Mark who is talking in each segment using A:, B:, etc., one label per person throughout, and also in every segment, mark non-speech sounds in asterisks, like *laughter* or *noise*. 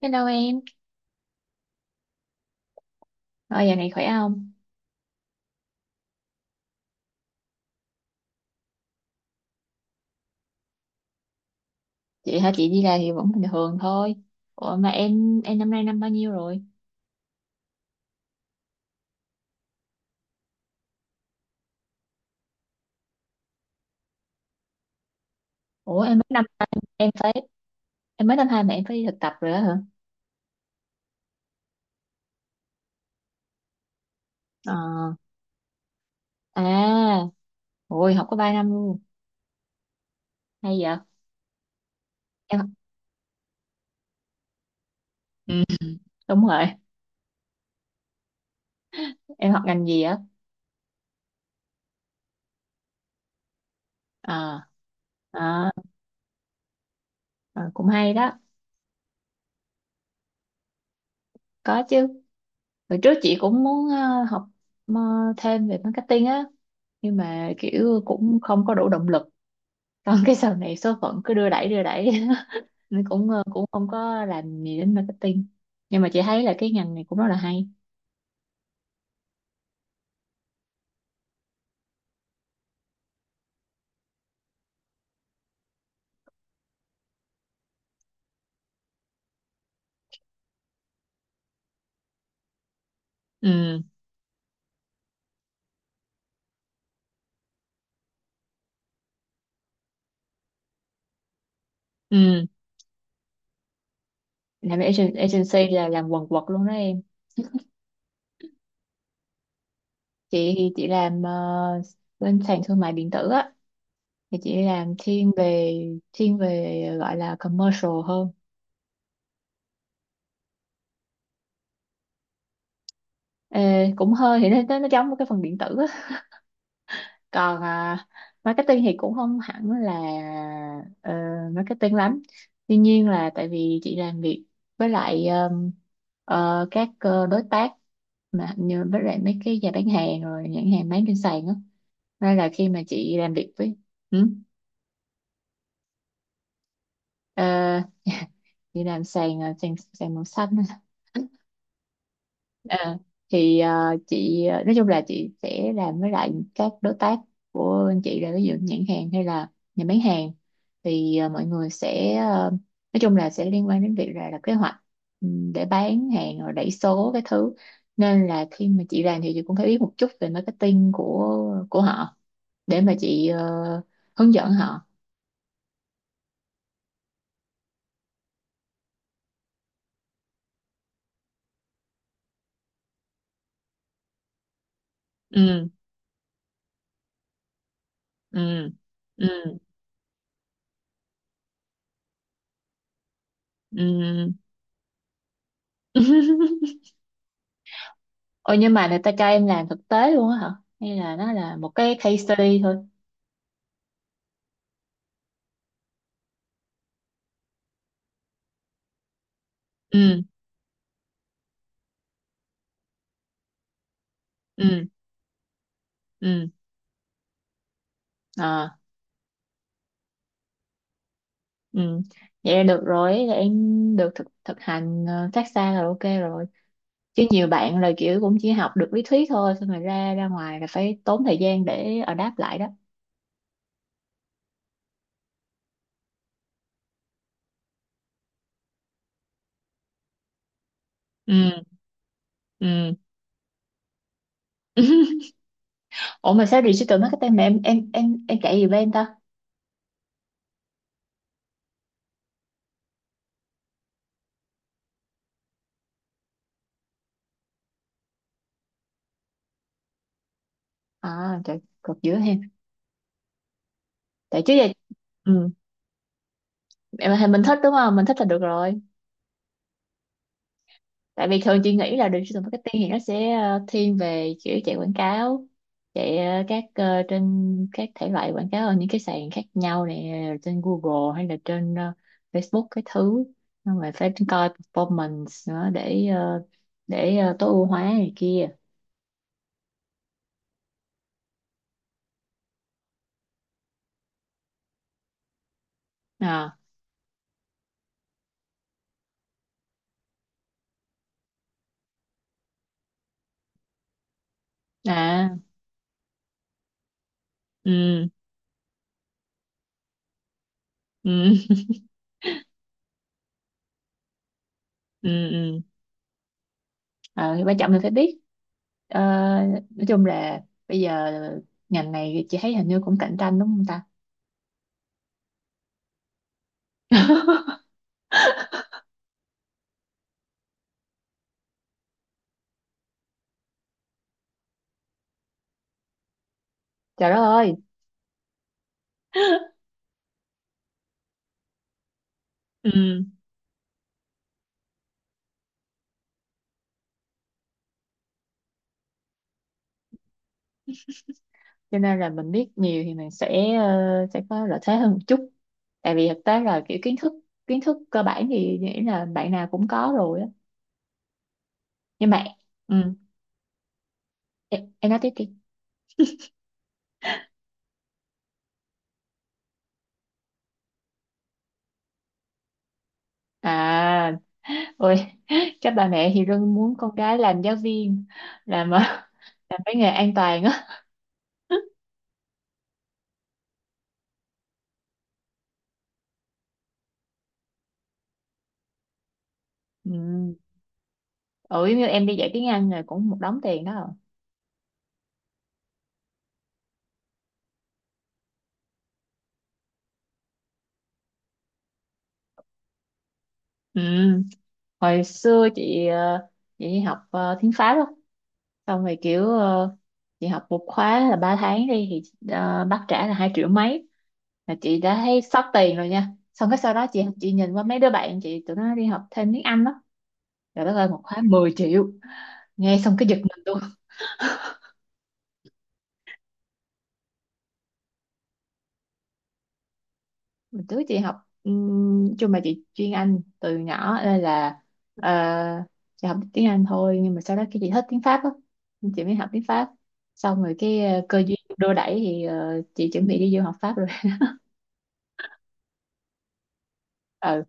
A: Hello em, rồi giờ này khỏe không? Chị hả? Chị đi làm thì vẫn bình thường thôi. Ủa mà em năm nay năm bao nhiêu rồi? Ủa, em mới năm em phải em mới năm 2 mà em phải đi thực tập rồi đó hả? Ờ, à, ôi học có 3 năm luôn. Hay vậy? Em học- ừ, đúng rồi. Em học ngành gì á? Ờ, à, cũng hay đó. Có chứ. Hồi trước chị cũng muốn học ờ, thêm về marketing á, nhưng mà kiểu cũng không có đủ động lực. Còn cái sau này số phận cứ đưa đẩy đưa đẩy. *laughs* Nên cũng cũng không có làm gì đến marketing, nhưng mà chị thấy là cái ngành này cũng rất là hay. Ừ, ừ. Agency là làm quần quật luôn đó em. Chị thì chị làm bên sàn thương mại điện tử á, thì chị làm thiên về gọi là commercial hơn. Ê, cũng hơi thì nó giống một cái phần điện tử á. Còn à, marketing thì cũng không hẳn là ờ, marketing lắm, tuy nhiên là tại vì chị làm việc với lại các đối tác, mà như với lại mấy cái nhà bán hàng rồi nhãn hàng bán trên sàn á, nên là khi mà chị làm việc với ừ, ờ, *laughs* chị làm sàn sàn sàn màu xanh. À, thì à, chị, à, nói chung là chị sẽ làm với lại các đối tác của anh chị, là ví dụ nhãn hàng hay là nhà bán hàng, thì à, mọi người sẽ, à, nói chung là sẽ liên quan đến việc là kế hoạch, ừ, để bán hàng rồi đẩy số cái thứ, nên là khi mà chị làm thì chị cũng phải biết một chút về marketing của họ, để mà chị hướng dẫn họ. Ừ, ừ, ừ, ừ. *laughs* Ôi, nhưng mà người ta cho em làm thực tế luôn á hả? Hay là nó là một cái case study thôi? Ừ, ừ, ừ, à, ừ. Vậy là được rồi, là em được thực thực hành phát xa là ok rồi. Chứ nhiều bạn là kiểu cũng chỉ học được lý thuyết thôi, xong rồi ra ra ngoài là phải tốn thời gian để adapt lại đó. Ừ, ừ. *laughs* Ủa mà sao digital marketing mà em chạy gì bên ta? À, trời, cột giữa em. Tại trước giờ, ừ, mình thích đúng không? Mình thích là được rồi. Tại vì thường chị nghĩ là digital marketing thì nó sẽ thiên về kiểu chạy quảng cáo, chạy các trên các thể loại quảng cáo ở những cái sàn khác nhau nè, trên Google hay là trên Facebook cái thứ, nhưng mà phải coi performance nữa để để tối ưu hóa này kia. À, à, ừ, ừ, ừ, ừ. Ờ, thì quan trọng mình phải biết. Ờ, nói chung là bây giờ ngành này chị thấy hình như cũng cạnh tranh đúng không ta. *laughs* Trời đất ơi. Ừ. Cho nên là mình biết nhiều thì mình sẽ sẽ có lợi thế hơn một chút. Tại vì thực tế là kiểu kiến thức cơ bản thì nghĩ là bạn nào cũng có rồi á. Nhưng mà, ừ. Em nói tiếp đi. À, ôi, *laughs* các bà mẹ thì luôn muốn con cái làm giáo viên, làm *laughs* làm cái nghề an toàn á. *laughs* Ừ. Ừ, như em đi dạy tiếng Anh là cũng một đống tiền đó. Ừ. Hồi xưa chị đi học tiếng Pháp á, xong rồi kiểu chị học một khóa là 3 tháng đi thì bác trả là 2 triệu mấy, là chị đã thấy sót tiền rồi nha. Xong cái sau đó chị nhìn qua mấy đứa bạn chị tụi nó đi học thêm tiếng Anh đó, rồi đất ơi một khóa 10 triệu, nghe xong cái giật mình luôn. Mình trước chị học chung mà chị chuyên Anh từ nhỏ nên là ờ, chị học tiếng Anh thôi, nhưng mà sau đó cái chị thích tiếng Pháp á, nên chị mới học tiếng Pháp. Xong rồi cái cơ duyên đưa đẩy thì chị chuẩn bị đi du học Pháp rồi. *laughs* Ừ.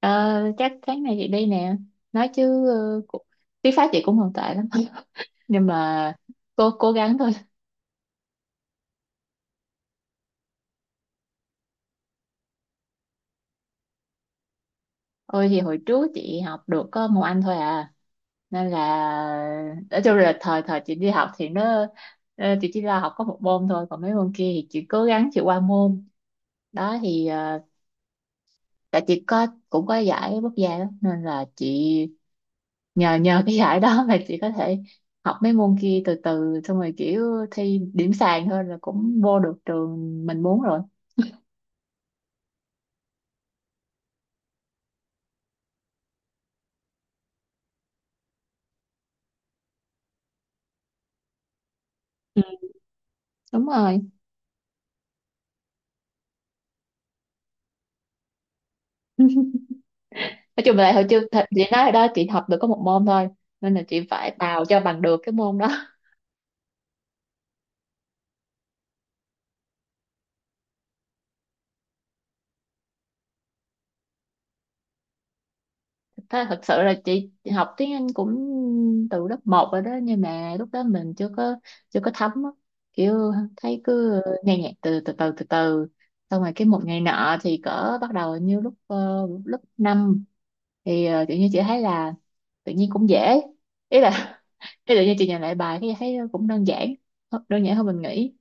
A: Ờ, chắc tháng này chị đi nè, nói chứ tiếng Pháp chị cũng không tệ lắm *laughs* nhưng mà cố cố gắng thôi. Ôi thì hồi trước chị học được có một anh thôi à, nên là nói chung là thời thời chị đi học thì nó chị chỉ là học có một môn thôi, còn mấy môn kia thì chị cố gắng chị qua môn đó, thì tại chị có cũng có giải quốc gia đó, nên là chị nhờ nhờ cái giải đó mà chị có thể học mấy môn kia từ từ, xong rồi kiểu thi điểm sàn thôi là cũng vô được trường mình muốn rồi. Ừ. Đúng rồi. *laughs* Nói chung là hồi trước thật chị nói rồi đó, chị học được có một môn thôi, nên là chị phải bào cho bằng được cái môn đó. *laughs* Thế thật sự là chị học tiếng Anh cũng từ lớp 1 rồi đó, nhưng mà lúc đó mình chưa có thấm á. Kiểu thấy cứ nghe nhạc từ từ từ từ từ, xong rồi cái một ngày nọ thì cỡ bắt đầu, như lúc lớp 5 thì tự nhiên chị thấy là tự nhiên cũng dễ, ý là *laughs* ý tự nhiên chị nhìn lại bài cái thấy cũng đơn giản, đơn giản hơn mình nghĩ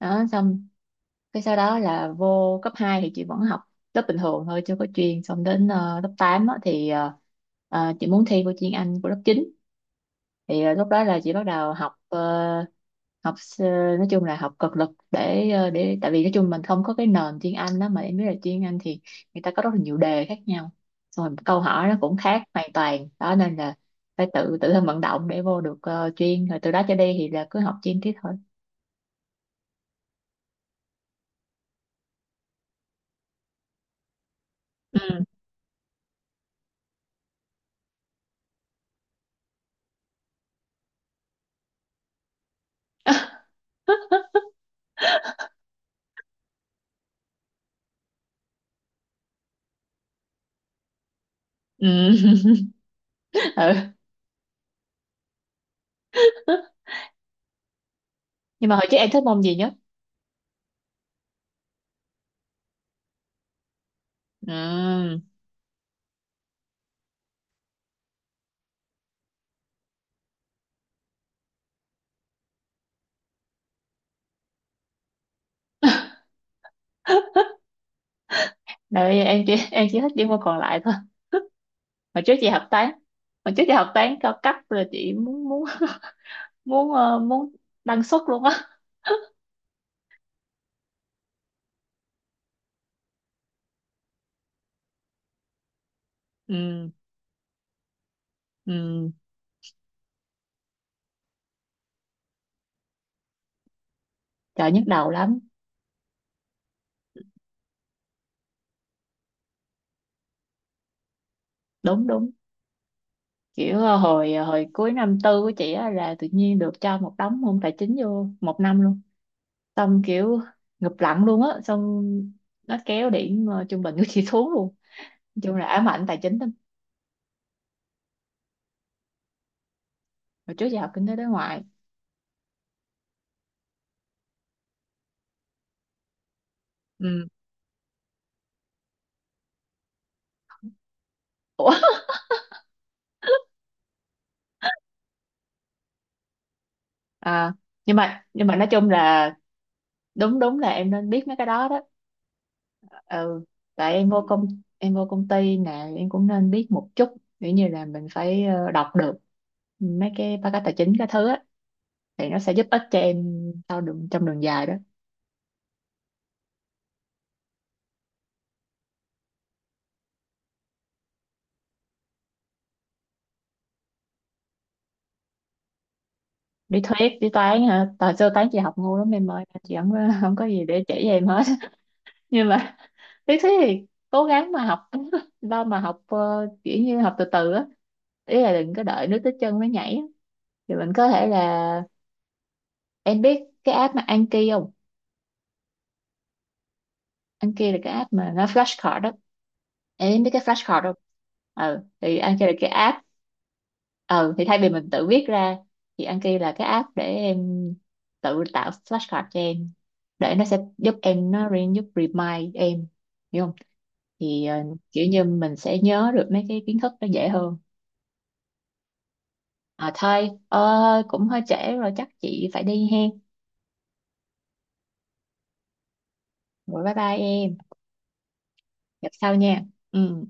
A: đó. Xong cái sau đó là vô cấp 2 thì chị vẫn học lớp bình thường thôi, chưa có chuyên, xong đến lớp 8 á, thì chị muốn thi vô chuyên Anh của lớp 9, thì lúc đó là chị bắt đầu học học s- nói chung là học cực lực để để tại vì nói chung mình không có cái nền chuyên Anh đó, mà em biết là chuyên Anh thì người ta có rất là nhiều đề khác nhau, xong rồi câu hỏi nó cũng khác hoàn toàn đó, nên là phải tự tự thân vận động để vô được chuyên, rồi từ đó trở đi thì là cứ học chuyên tiếp thôi. Ừ. *laughs* Ừ. *laughs* Ừ. Nhưng mà hồi trước em thích môn gì nhất? Ừ. Rồi em chỉ *laughs* em chỉ thích những môn còn lại thôi. Hồi trước chị học toán, hồi trước chị học toán cao cấp rồi chị muốn muốn muốn ờ, muốn đăng xuất luôn á. Ừ, ừ, trời nhức đầu lắm. Đúng đúng kiểu hồi cuối năm 4 của chị á là tự nhiên được cho một đống môn tài chính vô một năm luôn, xong kiểu ngụp lặn luôn á, xong nó kéo điểm trung bình của chị *laughs* xuống luôn. Nói chung là ám ảnh tài chính lắm. Hồi trước giờ học kinh tế đối ngoại. Ừ. Ủa? À, nhưng mà nói chung là đúng đúng là em nên biết mấy cái đó đó. Ừ. tại em vô công ty nè em cũng nên biết một chút, kiểu như là mình phải đọc được mấy cái báo cáo tài chính cái thứ á, thì nó sẽ giúp ích cho em sau đường trong đường dài đó. Lý thuyết lý toán hả? Thời xưa toán chị học ngu lắm em ơi, chị không có gì để chỉ cho em hết. *laughs* Nhưng mà lý thuyết thì cố gắng mà học, *laughs* lo mà học kiểu như học từ từ á, ý là đừng có đợi nước tới chân mới nhảy á. Thì mình có thể là em biết cái app mà Anki không? Anh kia là cái app mà nó flashcard đó. Em biết cái flashcard không? Ừ, thì anh kia là cái app. Ừ, thì thay vì mình tự viết ra thì anh kia là cái app để em tự tạo flashcard cho em, để nó sẽ giúp em, nó giúp remind em, hiểu không? Thì kiểu như mình sẽ nhớ được mấy cái kiến thức nó dễ hơn. À thôi cũng hơi trễ rồi chắc chị phải đi hen. Rồi bye bye em, gặp sau nha. Ừ.